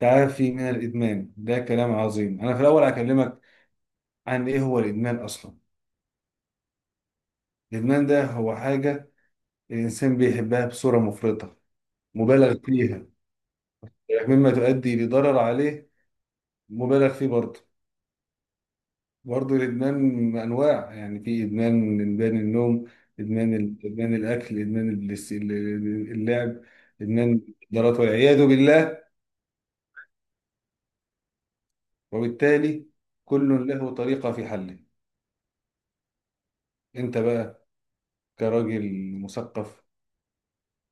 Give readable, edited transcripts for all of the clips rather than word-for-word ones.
تعافي من الإدمان ده كلام عظيم. أنا في الأول هكلمك عن إيه هو الإدمان أصلا. الإدمان ده هو حاجة الإنسان بيحبها بصورة مفرطة مبالغ فيها مما تؤدي لضرر عليه مبالغ فيه برضه. برضه الإدمان أنواع، يعني في إدمان النوم، إدمان الأكل، اللعب، إدمان المخدرات والعياذ بالله. وبالتالي كل له طريقة في حله. أنت بقى كراجل مثقف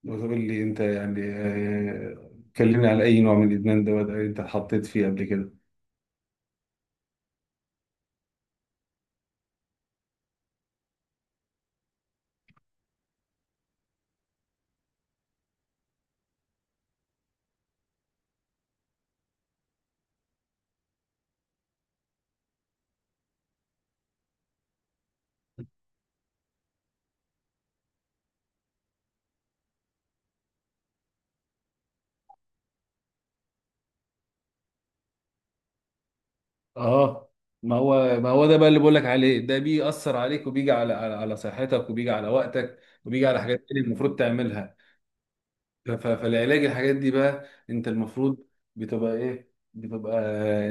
وتقول لي، انت يعني كلمني على اي نوع من الادمان ده، وده انت اتحطيت فيه قبل كده؟ اه، ما هو ما هو ده بقى اللي بقول لك عليه، ده بيأثر عليك، وبيجي على على صحتك، وبيجي على وقتك، وبيجي على حاجات تانية المفروض تعملها. فالعلاج الحاجات دي بقى انت المفروض بتبقى ايه، بتبقى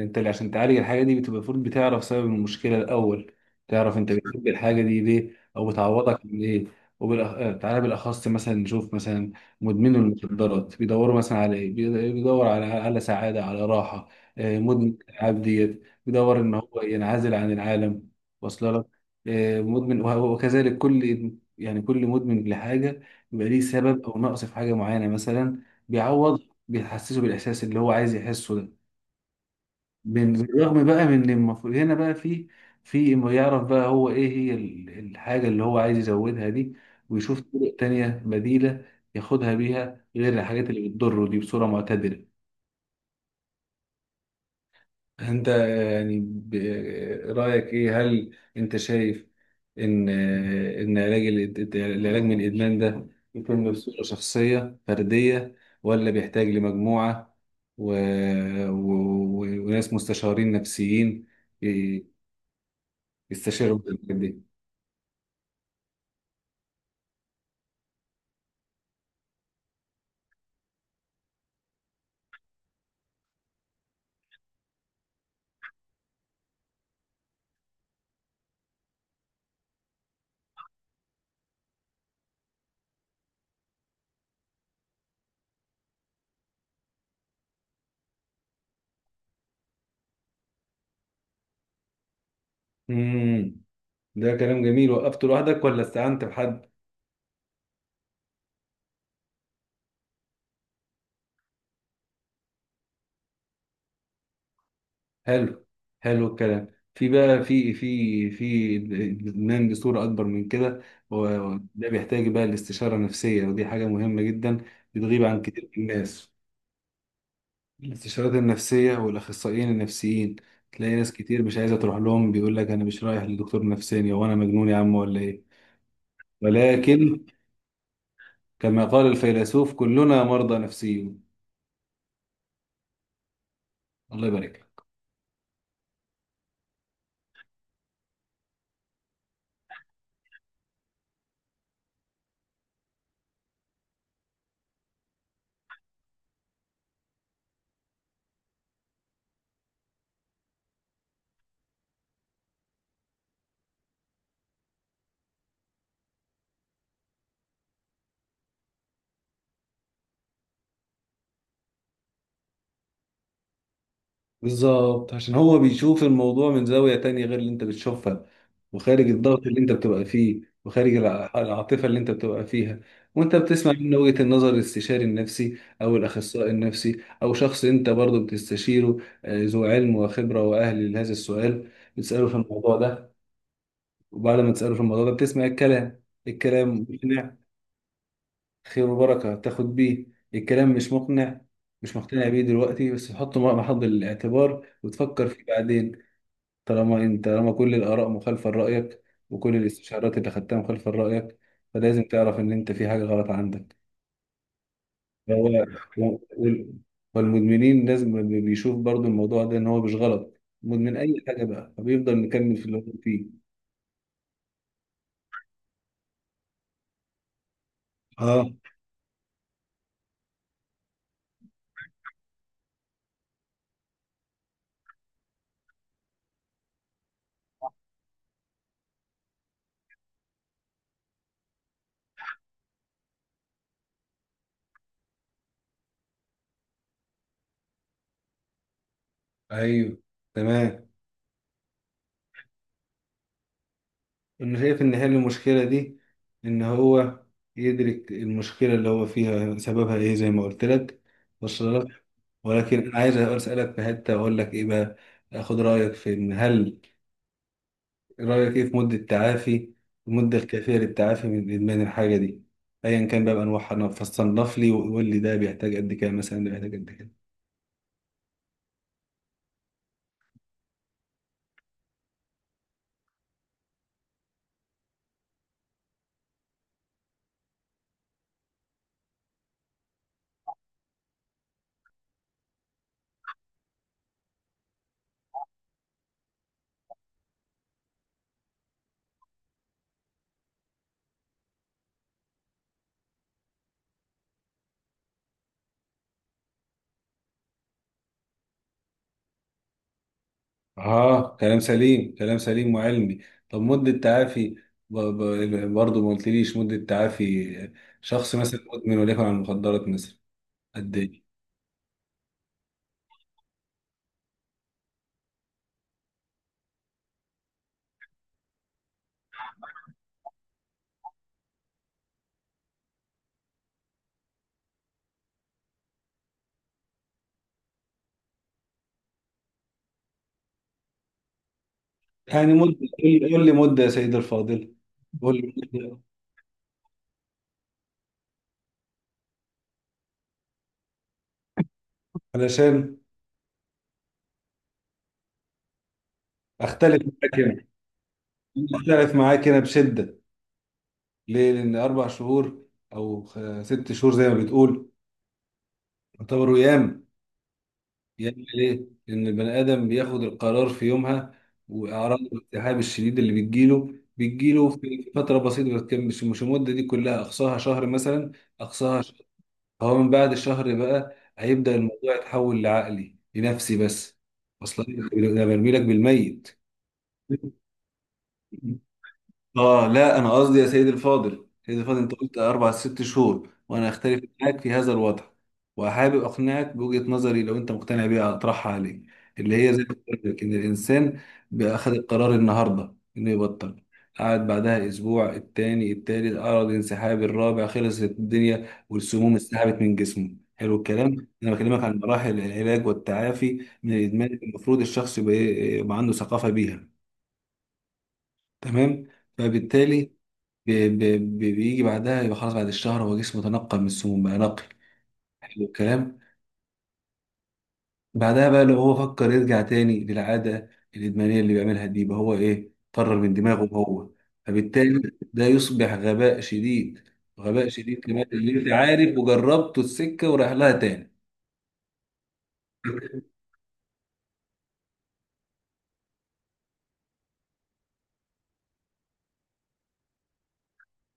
انت اللي عشان تعالج الحاجه دي بتبقى المفروض بتعرف سبب المشكله الاول. تعرف انت بتحب الحاجه دي ليه، او بتعوضك من ايه. وبالأخ... آه، تعالى بالاخص مثلا نشوف، مثلا مدمنوا المخدرات بيدوروا مثلا على ايه؟ بيدور على سعاده، على راحه. مدمن الالعاب ديت بيدور ان هو ينعزل عن العالم. واصل لك؟ مدمن وكذلك كل، يعني كل مدمن لحاجه بيبقى ليه سبب او نقص في حاجه معينه مثلا بيعوض، بيحسسه بالاحساس اللي هو عايز يحسه ده. بالرغم بقى من إن المفروض هنا بقى في، في إنه يعرف بقى هو ايه هي الحاجه اللي هو عايز يزودها دي، ويشوف طرق تانية بديله ياخدها بيها غير الحاجات اللي بتضره دي، بصوره معتدله. انت يعني رأيك ايه، هل انت شايف ان ان علاج العلاج من الادمان ده يكون بصورة شخصية فردية، ولا بيحتاج لمجموعة و... و... و... وناس مستشارين نفسيين ي- يستشيروا في الحاجات دي؟ امم، ده كلام جميل. وقفته لوحدك ولا استعنت بحد؟ حلو، حلو الكلام. في بقى في الادمان بصورة أكبر من كده، وده بيحتاج بقى الاستشارة النفسية، ودي حاجة مهمة جدا بتغيب عن كتير من الناس. الاستشارات النفسية والأخصائيين النفسيين تلاقي ناس كتير مش عايزة تروح لهم، بيقول لك أنا مش رايح لدكتور نفساني، هو أنا مجنون يا عم ولا إيه؟ ولكن كما قال الفيلسوف، كلنا مرضى نفسيون. الله يبارك لك. بالظبط، عشان هو بيشوف الموضوع من زاوية تانية غير اللي انت بتشوفها، وخارج الضغط اللي انت بتبقى فيه، وخارج العاطفة اللي انت بتبقى فيها، وانت بتسمع منه وجهة النظر، الاستشاري النفسي او الاخصائي النفسي او شخص انت برضو بتستشيره، ذو علم وخبرة واهل لهذا السؤال. بتسأله في الموضوع ده، وبعد ما تسأله في الموضوع ده بتسمع الكلام، الكلام مقنع، خير وبركة تاخد بيه. الكلام مش مقنع، مش مقتنع بيه دلوقتي، بس تحطه مع محض الاعتبار وتفكر فيه بعدين. طالما انت، طالما كل الاراء مخالفه لرايك، وكل الاستشارات اللي خدتها مخالفه لرايك، فلازم تعرف ان انت في حاجه غلط عندك. هو وال- والمدمنين لازم بيشوف برضو الموضوع ده ان هو مش غلط. مدمن اي حاجه بقى فبيفضل مكمل في اللي هو فيه. اه، ايوه، تمام. انا شايف ان حل المشكله دي ان هو يدرك المشكله اللي هو فيها سببها ايه، زي ما قلت لك. وصل لك؟ ولكن انا عايز اسالك في حته، اقول لك ايه بقى، اخد رايك في ان هل، إيه رأيك إيه في مدة تعافي، المدة الكافية للتعافي من إدمان الحاجة دي أيا كان بقى بأنواعها. أنا فصنف لي وقول لي، ده بيحتاج قد كده مثلا، ده بيحتاج قد كده. آه، كلام سليم، كلام سليم وعلمي. طب مدة تعافي، برضه ما قلتليش مدة تعافي. شخص مثلا مدمن وليكن على المخدرات مثلا، قد إيه؟ يعني مدة، قول لي، قول لي مدة يا سيدي الفاضل. قول لي مدة علشان أختلف معاك هنا، أختلف معاك هنا بشدة. ليه؟ لأن أربع شهور أو ست شهور زي ما بتقول يعتبروا أيام. أيام ليه؟ لأن البني آدم بياخد القرار في يومها، وأعراض الالتهاب الشديد اللي بتجيله بتجيله في فترة بسيطة ما بتكملش. مش المدة دي كلها، أقصاها شهر مثلا. أقصاها شهر، هو من بعد الشهر بقى هيبدأ الموضوع يتحول لعقلي لنفسي بس. أصلا أنا برمي لك بالميت. اه لا، انا قصدي يا سيدي الفاضل، سيدي الفاضل، انت قلت اربع ست شهور، وانا اختلف معاك في هذا الوضع. وحابب اقنعك بوجهة نظري، لو انت مقتنع بيها اطرحها عليك، اللي هي زي ما قلت لك، ان الانسان بأخذ القرار النهارده انه يبطل. قعد بعدها اسبوع، التاني، التالت اعرض انسحاب، الرابع خلصت الدنيا والسموم انسحبت من جسمه. حلو الكلام. انا بكلمك عن مراحل العلاج والتعافي من الادمان. المفروض الشخص يبقى إيه، يبقى عنده ثقافة بيها. تمام، فبالتالي بيجي بعدها يبقى خلاص، بعد الشهر هو جسمه تنقى من السموم، بقى نقي. حلو الكلام. بعدها بقى لو هو فكر يرجع تاني للعادة الإدمانية اللي بيعملها دي، يبقى هو إيه، طرر من دماغه هو. فبالتالي ده يصبح غباء شديد. غباء شديد كمان، اللي أنت عارف وجربته السكة وراح لها تاني.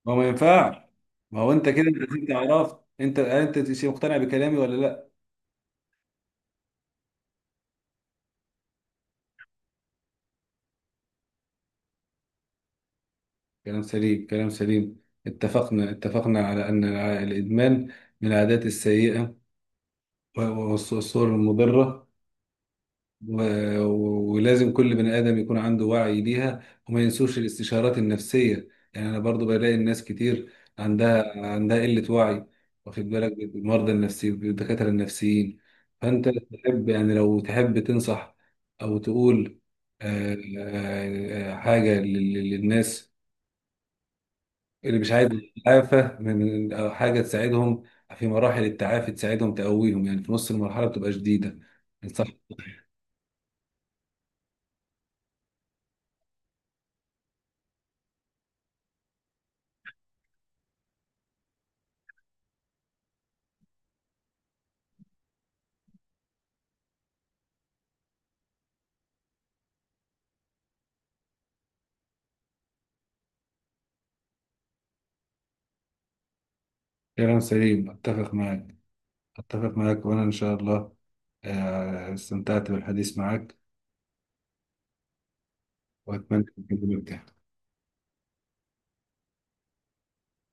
ما هو ما ينفعش. ما هو أنت كده، أنت كده عرفت. أنت، أنت مقتنع بكلامي ولا لأ؟ كلام سليم، كلام سليم. اتفقنا، اتفقنا على أن الإدمان من العادات السيئة والصور المضرة، ولازم كل بني آدم يكون عنده وعي بيها. وما ينسوش الاستشارات النفسية، يعني أنا برضو بلاقي الناس كتير عندها قلة وعي، واخد بالك، بالمرضى النفسي، بالدكاترة النفسيين. فأنت تحب يعني، لو تحب تنصح أو تقول حاجة للناس اللي مش عايز يتعافى أو حاجة تساعدهم في مراحل التعافي، تساعدهم تقويهم، يعني في نص المرحلة بتبقى شديدة. كلام سليم، أتفق معك، أتفق معك وأنا إن شاء الله استمتعت بالحديث معك، وأتمنى أن أكلمك تاني.